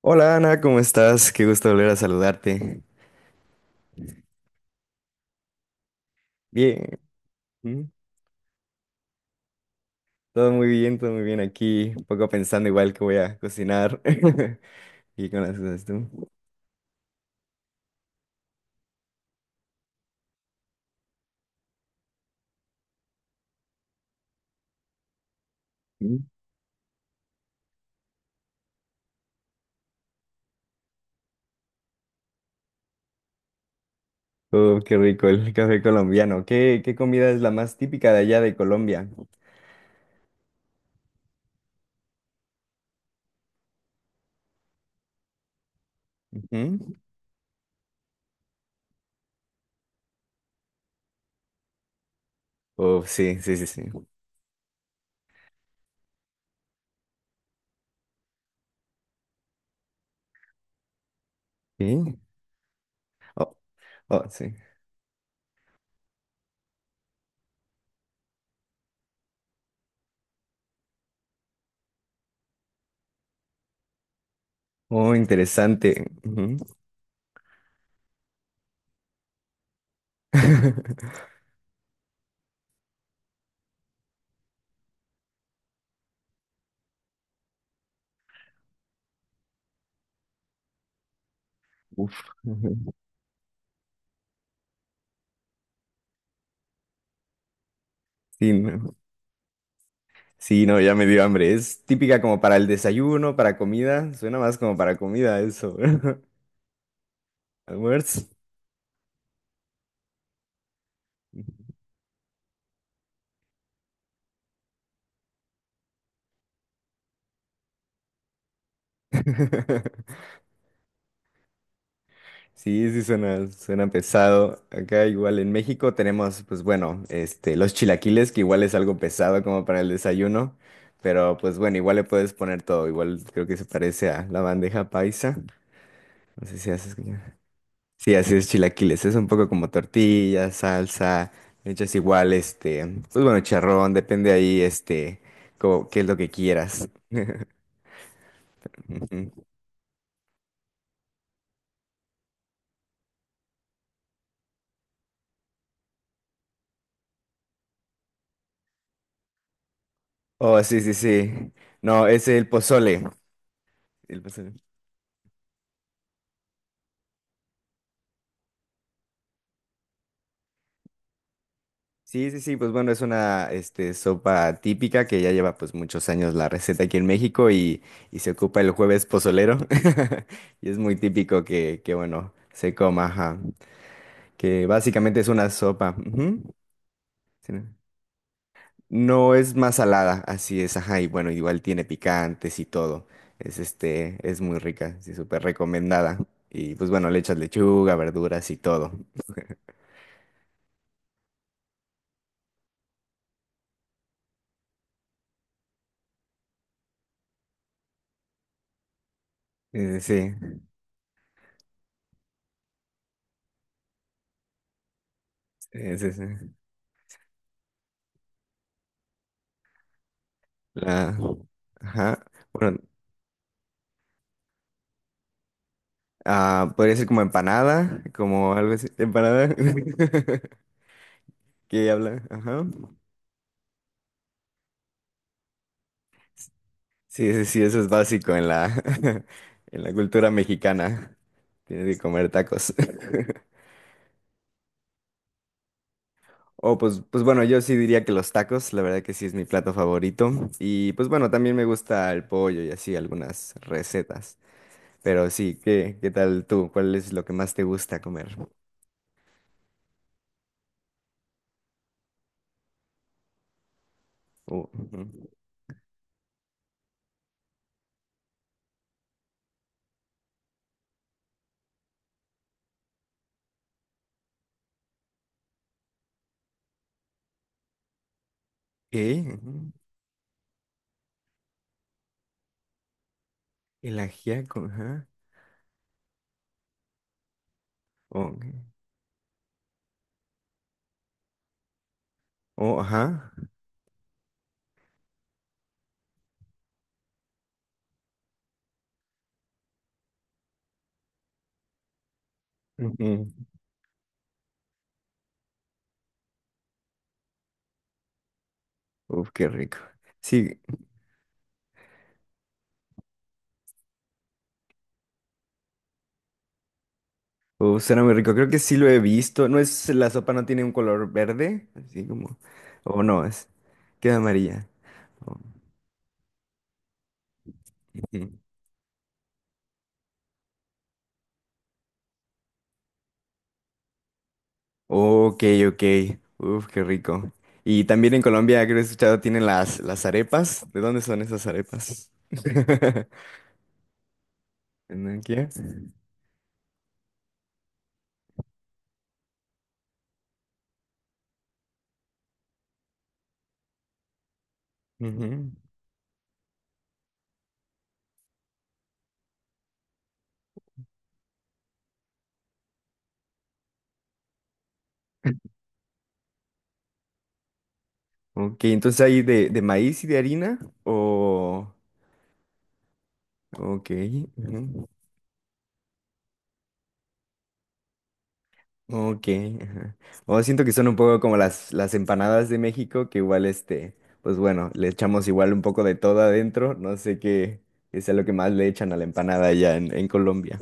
Hola Ana, ¿cómo estás? Qué gusto volver a saludarte. Bien, ¿m? Todo muy bien aquí. Un poco pensando igual que voy a cocinar. ¿Y con las cosas tú? ¿Mm? Oh, qué rico el café colombiano. ¿Qué comida es la más típica de allá de Colombia? Ujú. Oh, sí, sí, sí, sí. ¿Sí? Oh, oh, sí. Oh, interesante. Ujú. Uf. Ujú. Sí, no. Sí, no, ya me dio hambre. Es típica como para el desayuno, para comida. Suena más como para comida eso. Almuerzo. Sí, sí, suena pesado. Acá igual en México tenemos, pues bueno, este, los chilaquiles, que igual es algo pesado como para el desayuno. Pero pues bueno, igual le puedes poner todo. Igual creo que se parece a la bandeja paisa. No sé si haces. Sí, así es chilaquiles. Es un poco como tortilla, salsa, hechas igual, este, pues bueno, charrón, depende ahí, este, como, qué es lo que quieras. Ujú. Oh, sí, sí, sí. No, es el pozole. El pozole. Sí, sí, sí, pues bueno, es una, este, sopa típica que ya lleva pues muchos años la receta aquí en México, y se ocupa el jueves pozolero. Y es muy típico que, bueno, se coma, ajá. Que básicamente es una sopa. Ujú. Sí. ¿No? No, es más salada, así es, ajá, y bueno, igual tiene picantes y todo. Es este, es muy rica, sí, súper recomendada. Y pues bueno, le echas lechuga, verduras y todo. Sí, sí, sí, sí. La, ajá. Bueno, ah, podría ser como empanada, como algo así. Empanada. ¿Qué habla? Ajá. Sí, sí, sí, eso es básico en la, en la cultura mexicana. Tienes que comer tacos. Oh, pues, pues bueno, yo sí diría que los tacos, la verdad que sí es mi plato favorito. Y pues bueno, también me gusta el pollo y así algunas recetas. Pero sí, ¿qué tal tú? ¿Cuál es lo que más te gusta comer? Oh, ujú. ¿Qué? Ujú. El ajiaco, ajá. Oh, ok. Oh, ajá. Ujú. Uf, qué rico. Sí, uf, suena muy rico. Creo que sí lo he visto. ¿No es la sopa no tiene un color verde? Así como. O no, es. Queda amarilla. Oh. Ok, ok. Uf, qué rico. Y también en Colombia, creo que he escuchado, tienen las arepas. ¿De dónde son esas arepas? ¿Tenochtitlán? Ujú. Ok, entonces hay de maíz y de harina o... Ok. Ujú. Ok. Ajá. O siento que son un poco como las empanadas de México, que igual este, pues bueno, le echamos igual un poco de todo adentro. No sé qué sea lo que más le echan a la empanada allá en Colombia.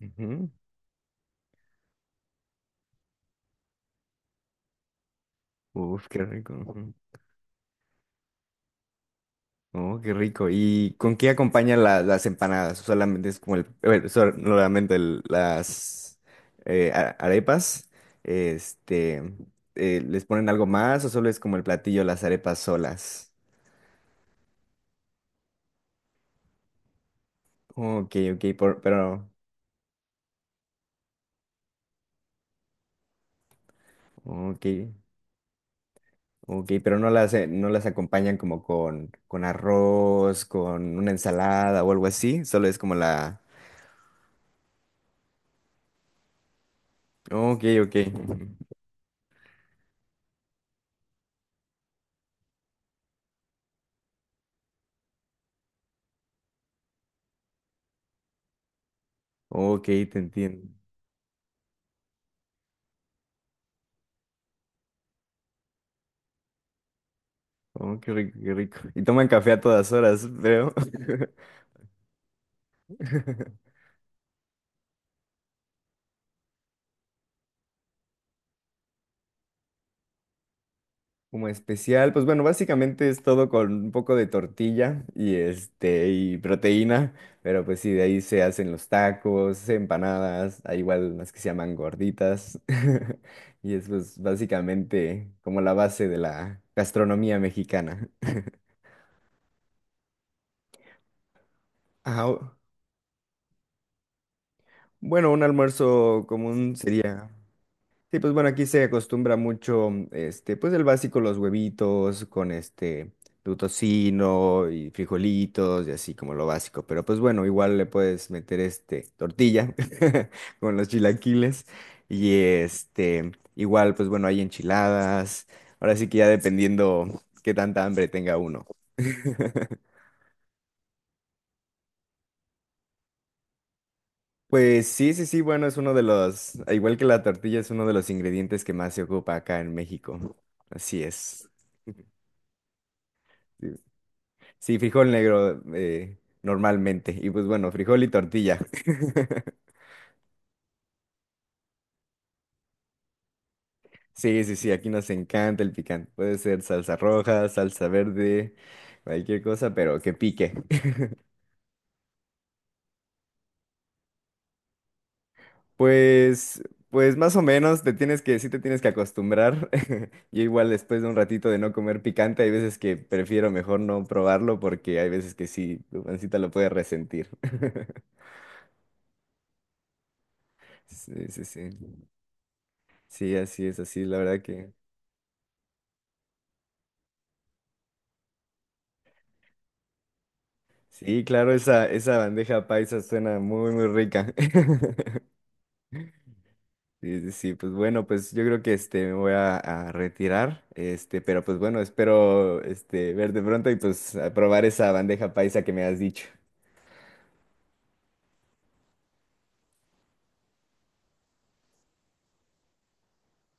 Ujú. Uf, qué rico. Oh, qué rico. ¿Y con qué acompañan la- las empanadas? Solamente es como el, bueno, solamente el- las a- arepas. Este, ¿les ponen algo más o solo es como el platillo, las arepas solas? Ok, ok, por- pero, ok, ok, pero no las, no las acompañan como con arroz, con una ensalada o algo así. Solo es como la, ok, ok, ok, te entiendo. Oh, qué rico, qué rico. Y toman café a todas horas, creo. Como especial, pues bueno, básicamente es todo con un poco de tortilla y este y proteína, pero pues sí, de ahí se hacen los tacos, empanadas, hay igual las que se llaman gorditas. Y eso es pues, básicamente como la base de la gastronomía mexicana. Ah, o- bueno, un almuerzo común sería sí, pues bueno, aquí se acostumbra mucho, mm, este, pues el básico, los huevitos con este, tu tocino y frijolitos y así como lo básico. Pero pues bueno, igual le puedes meter este, tortilla con los chilaquiles y este, igual pues bueno, hay enchiladas. Ahora sí que ya dependiendo qué tanta hambre tenga uno. Pues sí, sí, sí, bueno, es uno de los, al igual que la tortilla, es uno de los ingredientes que más se ocupa acá en México. Así es. Sí. Sí, frijol negro normalmente. Y pues bueno, frijol y tortilla. Sí, sí, sí, aquí nos encanta el picante. Puede ser salsa roja, salsa verde, cualquier cosa, pero que pique. Pues, pues más o menos te tienes que, sí te tienes que acostumbrar. Yo igual después de un ratito de no comer picante, hay veces que prefiero mejor no probarlo porque hay veces que sí, tu pancita lo puede resentir. Sí, sí, sí. Sí, así es, así, la verdad sí, claro, esa bandeja paisa suena muy, muy rica. Sí, sí, sí, pues bueno, pues yo creo que este me voy a retirar, este, pero pues bueno, espero este verte pronto y pues a probar esa bandeja paisa que me has dicho.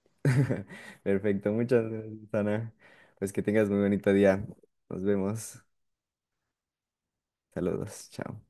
Perfecto, muchas gracias, Ana. Pues que tengas muy bonito día. Nos vemos. Saludos, chao.